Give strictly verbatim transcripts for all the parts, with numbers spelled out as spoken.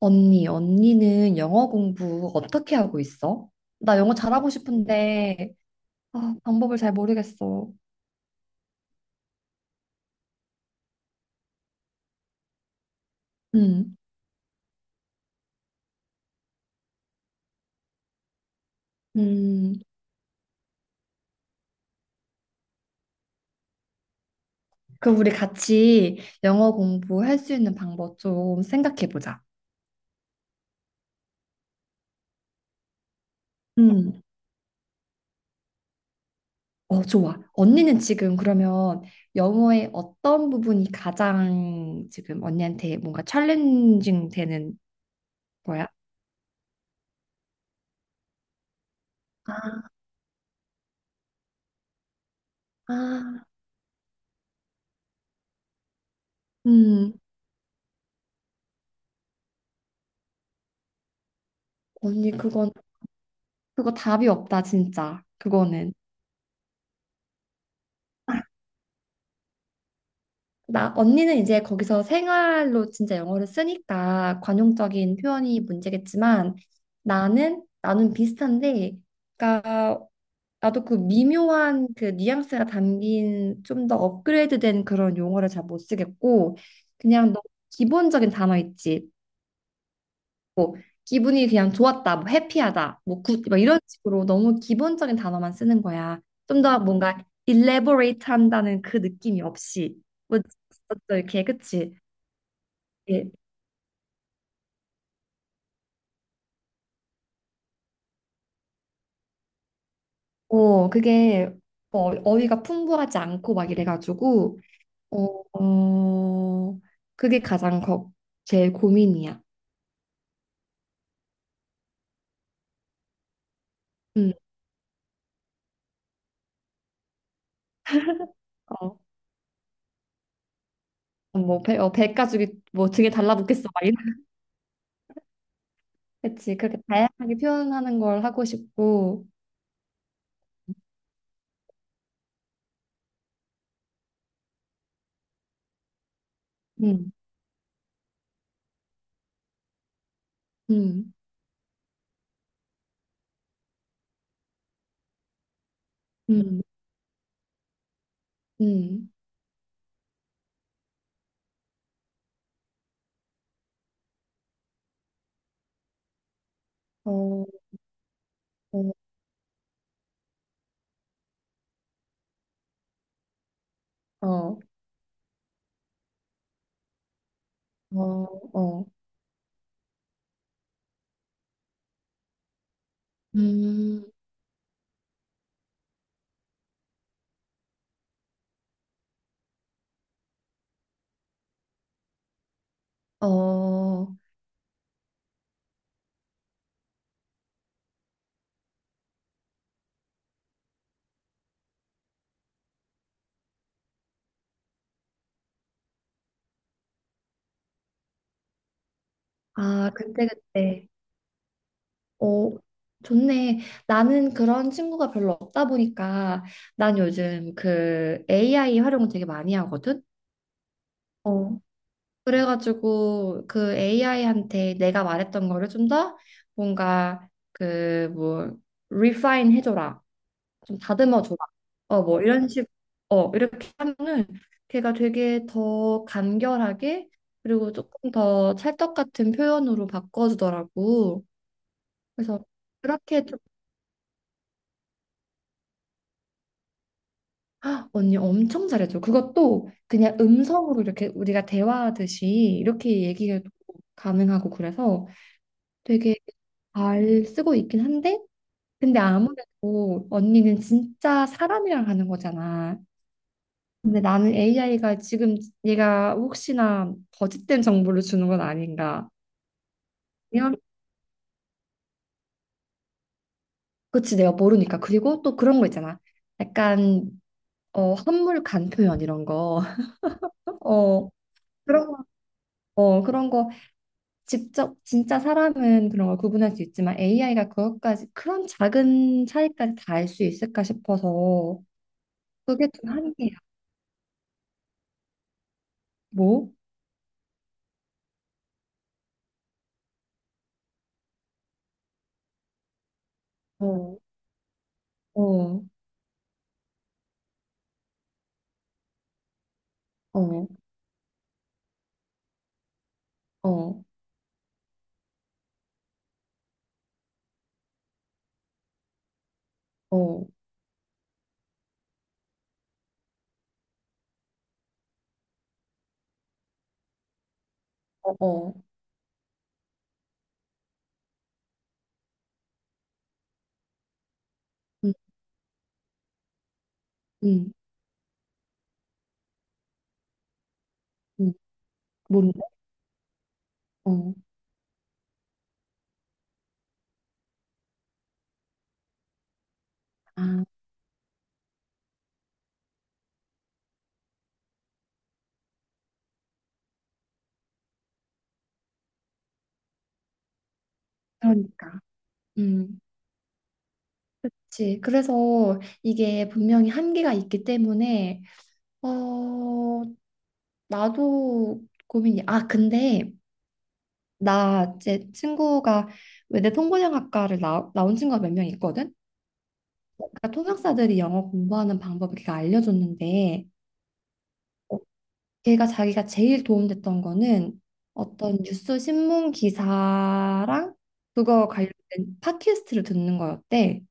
언니, 언니는 영어 공부 어떻게 하고 있어? 나 영어 잘하고 싶은데, 아, 방법을 잘 모르겠어. 음, 음. 그럼 우리 같이 영어 공부할 수 있는 방법 좀 생각해 보자. 음, 어, 좋아. 언니는 지금 그러면 영어의 어떤 부분이 가장 지금 언니한테 뭔가 챌린징 되는 거야? 아, 음, 언니, 그건, 그거 답이 없다, 진짜. 그거는. 나 언니는 이제 거기서 생활로 진짜 영어를 쓰니까 관용적인 표현이 문제겠지만 나는 나는 비슷한데 그러니까 나도 그 미묘한 그 뉘앙스가 담긴 좀 더 업그레이드된 그런 용어를 잘 못 쓰겠고 그냥 너무 기본적인 단어 있지 뭐 기분이 그냥 좋았다 뭐 해피하다 뭐굿막 이런 식으로 너무 기본적인 단어만 쓰는 거야. 좀 더 뭔가 elaborate 한다는 그 느낌이 없이 뭐 어쩌 이렇게 그치? 예. 어, 그게 어, 어휘가 풍부하지 않고 막 이래가지고 어, 어 그게 가장 걱 제일 고민이야. 음, 어, 뭐 배, 어, 배 가죽이 뭐 등에 달라붙겠어 막 이런. 그치, 그렇게 다양하게 표현하는 걸 하고 싶고, 음, 음, 음, 음, 어, 어, 어, 어, 어, 음, 어, 아, 그때 그때. 어, 좋네. 나는 그런 친구가 별로 없다 보니까 난 요즘 그 에이아이 활용을 되게 많이 하거든. 어. 그래가지고 그 에이아이한테 내가 말했던 거를 좀 더 뭔가 그 뭐 refine 해줘라. 좀 다듬어 줘라. 어, 뭐 이런 식. 어, 이렇게 하면은 걔가 되게 더 간결하게 그리고 조금 더 찰떡 같은 표현으로 바꿔주더라고. 그래서 그렇게 헉, 언니 엄청 잘해줘. 그것도 그냥 음성으로 이렇게 우리가 대화하듯이 이렇게 얘기해도 가능하고 그래서 되게 잘 쓰고 있긴 한데, 근데 아무래도 언니는 진짜 사람이랑 하는 거잖아. 근데 나는 에이아이가 지금 얘가 혹시나 거짓된 정보를 주는 건 아닌가. 그냥 그치, 내가 모르니까. 그리고 또 그런 거 있잖아. 약간 어, 한물 간 표현 이런 거. 어, 그런 거, 어, 그런 거 직접 진짜 사람은 그런 걸 구분할 수 있지만 에이아이가 그것까지 그런 작은 차이까지 다 알 수 있을까 싶어서 그게 좀 한계야. 뭐? 어, 어, 어, 어, 어, 어, 어. 음, 음, 음. 뭔데? 어. 아, 그러니까. 음. 그치. 그래서 이게 분명히 한계가 있기 때문에 어, 나도 고민이. 아, 근데 나 제 친구가 외대 통번역학과를 나, 나온 친구가 몇 명 있거든? 그러니까 통역사들이 영어 공부하는 방법을 걔가 알려줬는데 어, 걔가 자기가 제일 도움됐던 거는 어떤 뉴스 신문 기사랑 그거 관련된 팟캐스트를 듣는 거였대.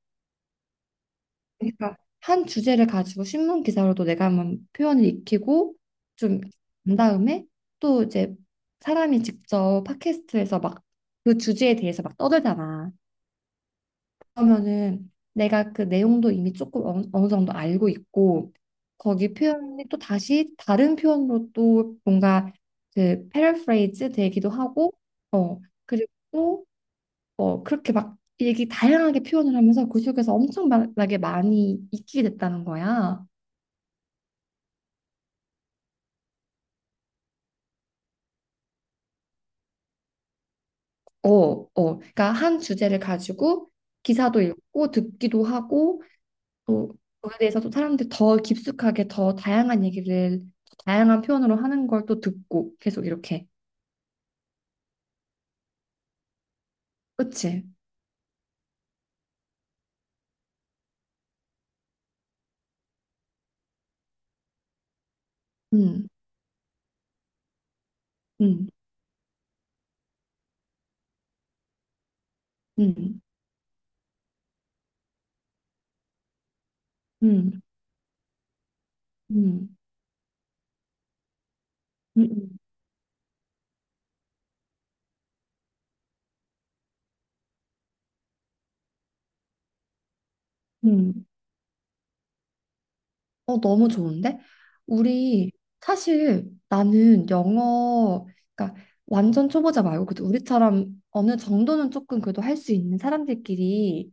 그러니까 한 주제를 가지고 신문 기사로도 내가 한번 표현을 익히고 좀 한 다음에 또 이제 사람이 직접 팟캐스트에서 막 그 주제에 대해서 막 떠들잖아. 그러면은 내가 그 내용도 이미 조금 어느, 어느 정도 알고 있고 거기 표현이 또 다시 다른 표현으로 또 뭔가 그 패러프레이즈 되기도 하고 어 그리고 또 어 그렇게 막 얘기 다양하게 표현을 하면서 그 속에서 엄청나게 많이 익히게 됐다는 거야. 어, 어. 그러니까 한 주제를 가지고 기사도 읽고 듣기도 하고 또 거기에 대해서 또 사람들이 더 깊숙하게 더 다양한 얘기를 더 다양한 표현으로 하는 걸 또 듣고 계속 이렇게 그치? 음, 음, 음, 음, 음, 음, 음. 음. 어 너무 좋은데? 우리 사실 나는 영어 그러니까 완전 초보자 말고 그래도 우리처럼 어느 정도는 조금 그래도 할 수 있는 사람들끼리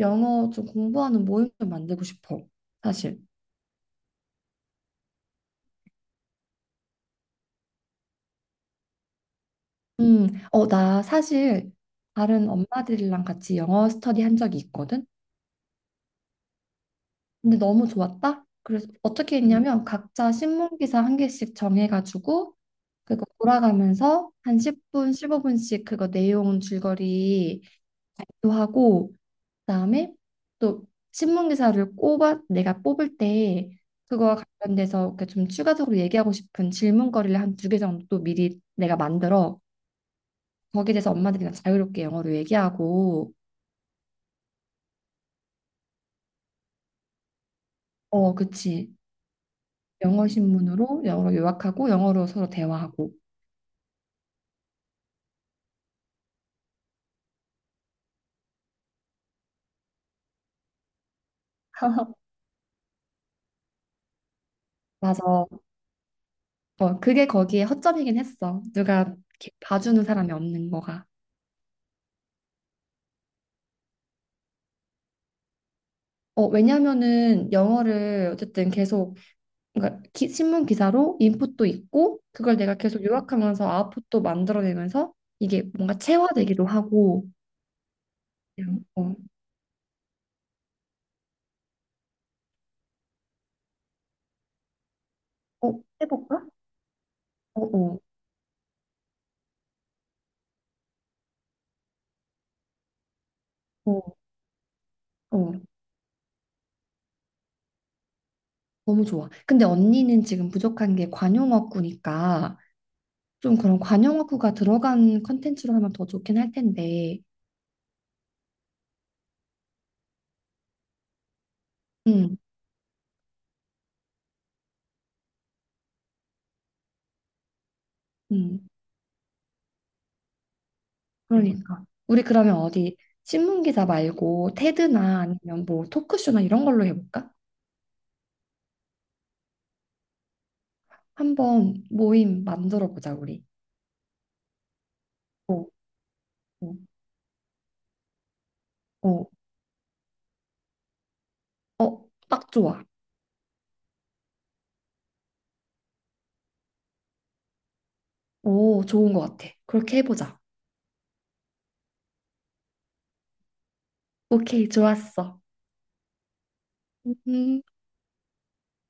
영어 좀 공부하는 모임을 만들고 싶어 사실. 음, 어, 나 사실 다른 엄마들이랑 같이 영어 스터디 한 적이 있거든? 근데 너무 좋았다? 그래서 어떻게 음. 했냐면 각자 신문 기사 한 개씩 정해가지고 그거 돌아가면서 한 십 분, 십오 분씩 그거 내용 줄거리도 하고 그다음에 또 신문 기사를 꼽아 내가 뽑을 때 그거와 관련돼서 이렇게 좀 추가적으로 얘기하고 싶은 질문거리를 한 두 개 정도 미리 내가 만들어 거기에 대해서 엄마들이랑 자유롭게 영어로 얘기하고 어, 그치. 영어 신문으로 영어로 요약하고 영어로 서로 대화하고. 맞아. 어, 그게 거기에 허점이긴 했어. 누가 이렇게 봐주는 사람이 없는 거가. 어, 왜냐면은 영어를 어쨌든 계속 그러니까 기- 신문 기사로 인풋도 있고 그걸 내가 계속 요약하면서 아웃풋도 만들어내면서 이게 뭔가 체화되기도 하고 그냥, 어, 어, 해볼까? 어, 어, 어, 어. 너무 좋아. 근데 언니는 지금 부족한 게 관용어구니까 좀 그런 관용어구가 들어간 컨텐츠로 하면 더 좋긴 할 텐데. 음, 음, 그러니까. 우리 그러면 어디 신문 기사 말고 테드나 아니면 뭐 토크쇼나 이런 걸로 해볼까? 한번 모임 만들어 보자 우리. 어, 어, 어, 어, 딱 좋아. 오, 좋은 것 같아. 그렇게 해보자. 오케이, 좋았어. 음.